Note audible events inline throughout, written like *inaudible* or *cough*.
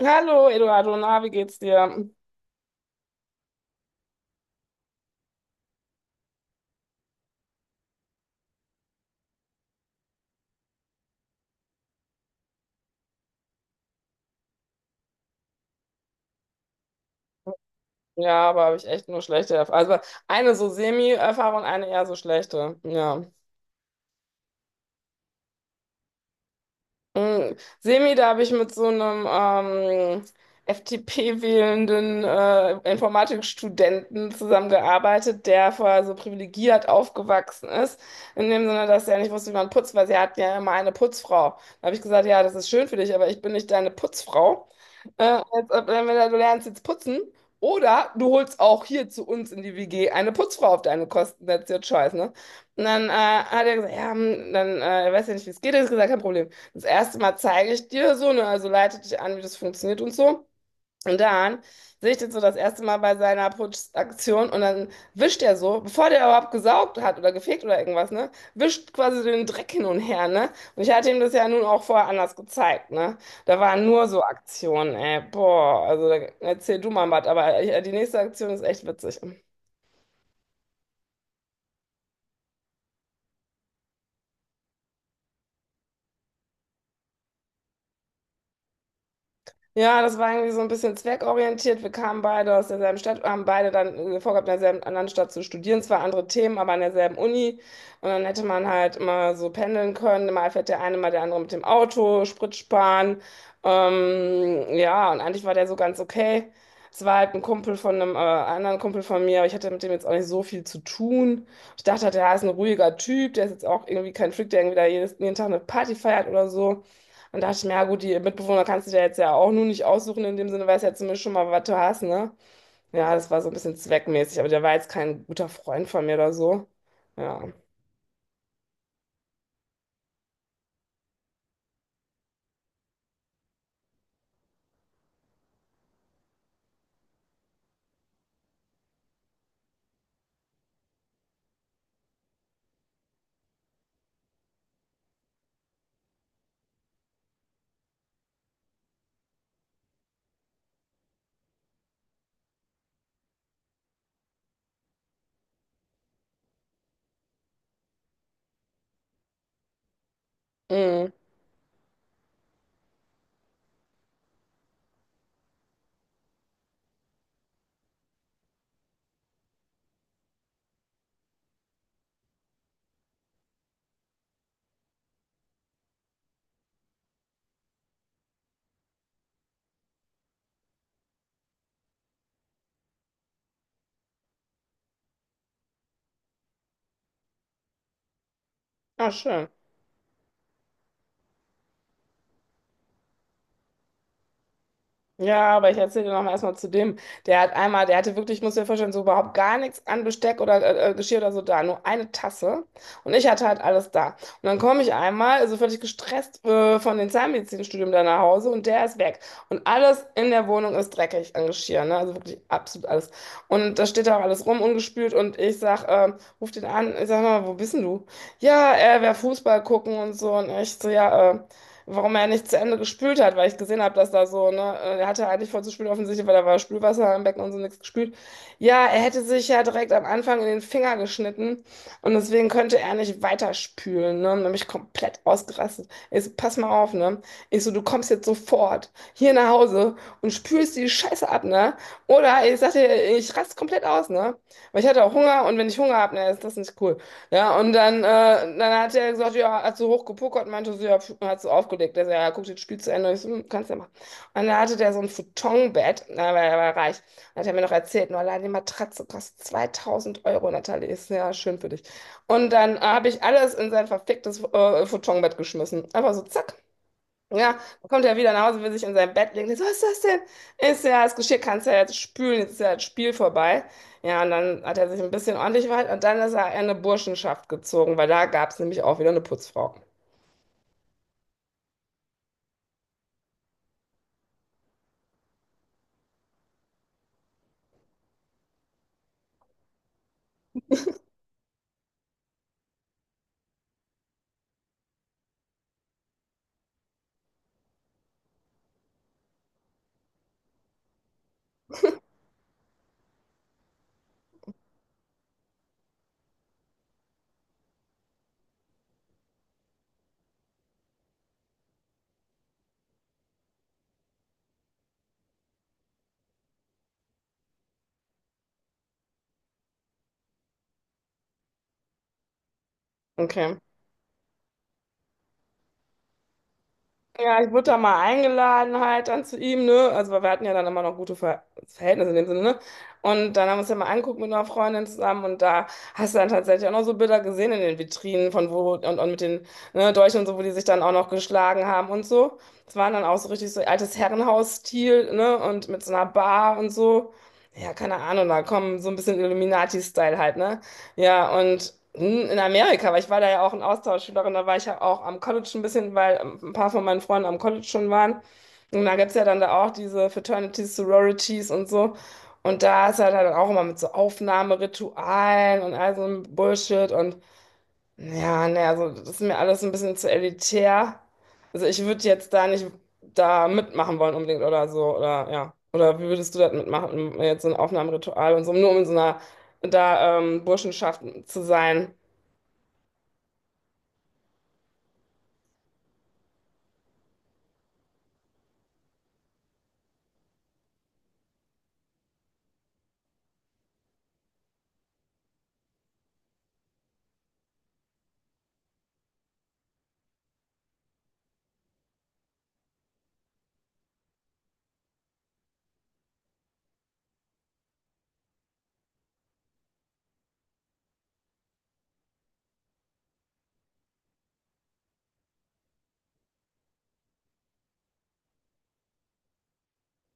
Hallo Eduardo, na, wie geht's dir? Ja, aber habe ich echt nur schlechte Erfahrungen. Also eine so Semi-Erfahrung, eine eher so schlechte. Ja. Mm, Semi, da habe ich mit so einem FDP-wählenden Informatikstudenten zusammengearbeitet, der vorher so privilegiert aufgewachsen ist. In dem Sinne, dass er nicht wusste, wie man putzt, weil sie hatten ja immer eine Putzfrau. Da habe ich gesagt, ja, das ist schön für dich, aber ich bin nicht deine Putzfrau. Als ob, entweder du lernst jetzt putzen oder du holst auch hier zu uns in die WG eine Putzfrau auf deine Kosten. That's your choice, ne? Und dann hat er gesagt, ja, dann er weiß ja nicht, wie es geht. Er hat gesagt, kein Problem. Das erste Mal zeige ich dir so, ne, also leite dich an, wie das funktioniert und so. Und dann sehe ich den so das erste Mal bei seiner Putschaktion und dann wischt er so, bevor der überhaupt gesaugt hat oder gefegt oder irgendwas, ne, wischt quasi den Dreck hin und her, ne. Und ich hatte ihm das ja nun auch vorher anders gezeigt, ne. Da waren nur so Aktionen, ey, boah, also da, erzähl du mal was, aber die nächste Aktion ist echt witzig. Ja, das war irgendwie so ein bisschen zweckorientiert. Wir kamen beide aus derselben Stadt, haben beide dann vorgehabt, in derselben anderen Stadt zu studieren. Zwar andere Themen, aber an derselben Uni. Und dann hätte man halt immer so pendeln können. Mal fährt der eine, mal der andere mit dem Auto, Sprit sparen. Ja, und eigentlich war der so ganz okay. Es war halt ein Kumpel von einem anderen Kumpel von mir, aber ich hatte mit dem jetzt auch nicht so viel zu tun. Ich dachte, halt, der ist ein ruhiger Typ, der ist jetzt auch irgendwie kein Freak, der irgendwie da jedes, jeden Tag eine Party feiert oder so. Und dachte ich mir, ja gut, die Mitbewohner kannst du dir jetzt ja auch nur nicht aussuchen, in dem Sinne, weißt ja zumindest schon mal, was du hast, ne? Ja, das war so ein bisschen zweckmäßig, aber der war jetzt kein guter Freund von mir oder so. Ja. Mhm. Ah, schön. Ja, aber ich erzähle dir noch mal erstmal zu dem. Der hat einmal, der hatte wirklich, ich muss dir vorstellen, so überhaupt gar nichts an Besteck oder Geschirr oder so da, nur eine Tasse. Und ich hatte halt alles da. Und dann komme ich einmal, also völlig gestresst von dem Zahnmedizinstudium da nach Hause und der ist weg. Und alles in der Wohnung ist dreckig an Geschirr, ne? Also wirklich absolut alles. Und da steht da auch alles rum, ungespült. Und ich sag, ruf den an, ich sag mal, wo bist denn du? Ja, er wäre Fußball gucken und so. Und ich so, ja, warum er nicht zu Ende gespült hat, weil ich gesehen habe, dass da so, ne, er hatte eigentlich voll zu spülen offensichtlich, weil da war Spülwasser im Becken und so nichts gespült. Ja, er hätte sich ja direkt am Anfang in den Finger geschnitten und deswegen könnte er nicht weiter spülen, ne, und dann bin ich komplett ausgerastet. Ich so, pass mal auf, ne, ich so, du kommst jetzt sofort hier nach Hause und spülst die Scheiße ab, ne, oder ich sagte, ich raste komplett aus, ne, weil ich hatte auch Hunger und wenn ich Hunger habe, ne, ist das nicht cool. Ja, und dann, dann hat er gesagt, ja, hat so hochgepokert, meinte so, ja, pf, hat so aufgelegt. Er sagt, ja, guck dir das Spiel zu Ende. Ich so, kannst ja machen. Und da hatte der so ein Futonbett, na, weil er war reich. Hat er mir noch erzählt, nur allein die Matratze kostet 2.000 Euro, Natalie. Ist ja schön für dich. Und dann habe ich alles in sein verficktes Futonbett geschmissen. Einfach so, zack. Ja, dann kommt er wieder nach Hause, will sich in sein Bett legen. Ich so, was ist das denn? Ist ja das Geschirr, kannst ja jetzt spülen, jetzt ist ja das Spiel vorbei. Ja, und dann hat er sich ein bisschen ordentlich verhalten und dann ist er in eine Burschenschaft gezogen, weil da gab es nämlich auch wieder eine Putzfrau. Okay. Ja, ich wurde da mal eingeladen halt dann zu ihm, ne? Also weil wir hatten ja dann immer noch gute Verhältnisse in dem Sinne, ne? Und dann haben wir uns ja mal angeguckt mit einer Freundin zusammen und da hast du dann tatsächlich auch noch so Bilder gesehen in den Vitrinen von wo und mit den ne, Dolchen und so, wo die sich dann auch noch geschlagen haben und so. Das waren dann auch so richtig so altes Herrenhausstil, ne? Und mit so einer Bar und so. Ja, keine Ahnung, da kommen so ein bisschen Illuminati-Style halt, ne? Ja, und in Amerika, weil ich war da ja auch ein Austauschschülerin, da war ich ja auch am College ein bisschen, weil ein paar von meinen Freunden am College schon waren. Und da gibt es ja dann da auch diese Fraternities, Sororities und so. Und da ist halt dann auch immer mit so Aufnahmeritualen und all so einem Bullshit. Und ja, ne, also das ist mir alles so ein bisschen zu elitär. Also ich würde jetzt da nicht da mitmachen wollen unbedingt oder so, oder ja. Oder wie würdest du das mitmachen, jetzt so ein Aufnahmeritual und so, nur um in so einer da Burschenschaft zu sein?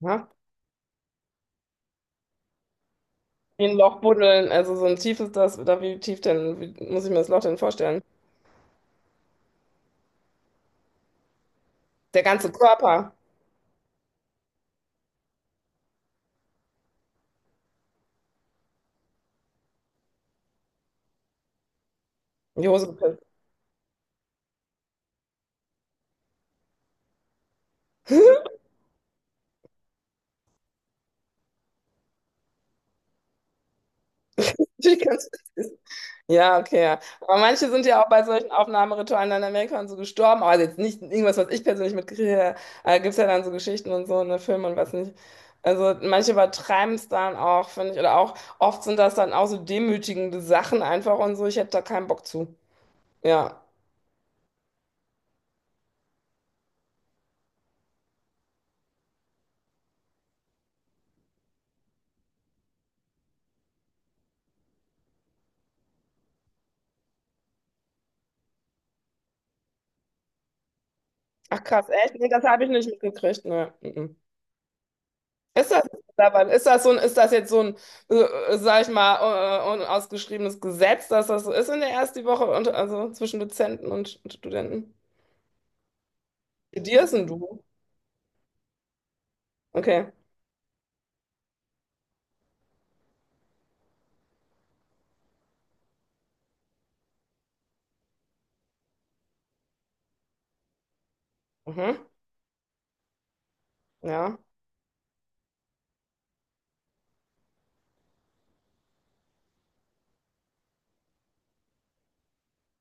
Ja? Wie ein Loch buddeln, also so ein tiefes das, oder wie tief denn, wie muss ich mir das Loch denn vorstellen? Der ganze Körper, in die Hose gepisst. *laughs* Natürlich ganz. Ja, okay. Ja. Aber manche sind ja auch bei solchen Aufnahmeritualen dann in Amerika und so gestorben. Also jetzt nicht irgendwas, was ich persönlich mitkriege. Gibt es ja dann so Geschichten und so, ne, Filme und was nicht. Also manche übertreiben es dann auch, finde ich. Oder auch oft sind das dann auch so demütigende Sachen einfach und so. Ich hätte da keinen Bock zu. Ja. Ach krass, echt? Nee, das habe ich nicht mitgekriegt. Ne. Mhm. Ist das, Ist das jetzt so ein, sag ich mal, unausgeschriebenes Gesetz, dass das so ist in der ersten Woche und also zwischen Dozenten und Studenten? Mit Du. Okay. Mhm. Ja.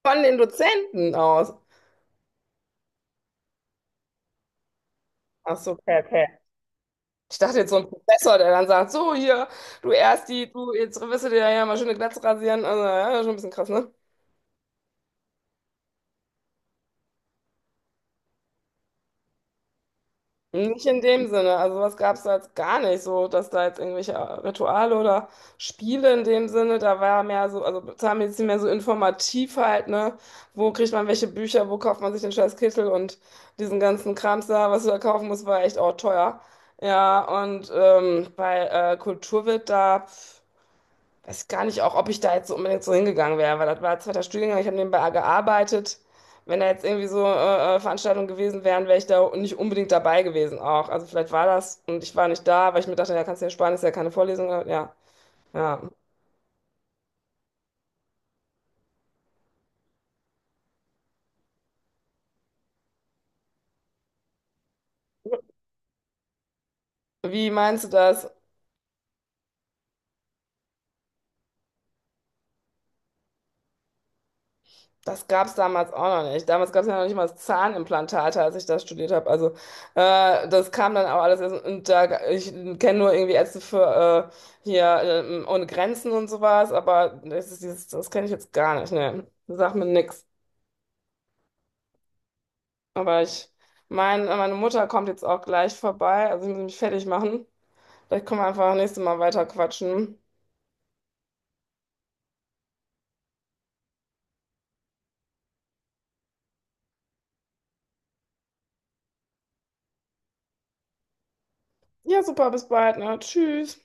Von den Dozenten aus. Ach so, okay, okay. Ich dachte jetzt so ein Professor, der dann sagt, so hier, du erst die, du, jetzt wirst du dir ja mal schöne Glatze rasieren. Also, ja, schon ein bisschen krass, ne? Nicht in dem Sinne. Also was gab es da jetzt gar nicht so, dass da jetzt irgendwelche Rituale oder Spiele in dem Sinne, da war mehr so, also Zahnmedizin mehr so informativ halt, ne? Wo kriegt man welche Bücher, wo kauft man sich den scheiß Kittel und diesen ganzen Krams da, was du da kaufen musst, war echt auch teuer. Ja, und bei Kultur wird da. Weiß gar nicht auch, ob ich da jetzt so unbedingt so hingegangen wäre, weil das war zweiter Studiengang, ich habe nebenbei gearbeitet. Wenn da jetzt irgendwie so Veranstaltungen gewesen wären, wäre ich da nicht unbedingt dabei gewesen auch. Also vielleicht war das und ich war nicht da, weil ich mir dachte, ja, kannst du ja sparen, ist ja keine Vorlesung. Ja, ja. Wie meinst du das? Das gab es damals auch noch nicht. Damals gab es ja noch nicht mal das Zahnimplantate, als ich das studiert habe. Also das kam dann auch alles erst. Und da, ich kenne nur irgendwie Ärzte für hier ohne Grenzen und sowas, aber das ist dieses, das kenne ich jetzt gar nicht. Ne, sagt mir nix. Aber ich, Meine Mutter kommt jetzt auch gleich vorbei. Also ich muss mich fertig machen. Vielleicht können wir einfach nächstes Mal weiter quatschen. Ja, super, bis bald, ne? Tschüss.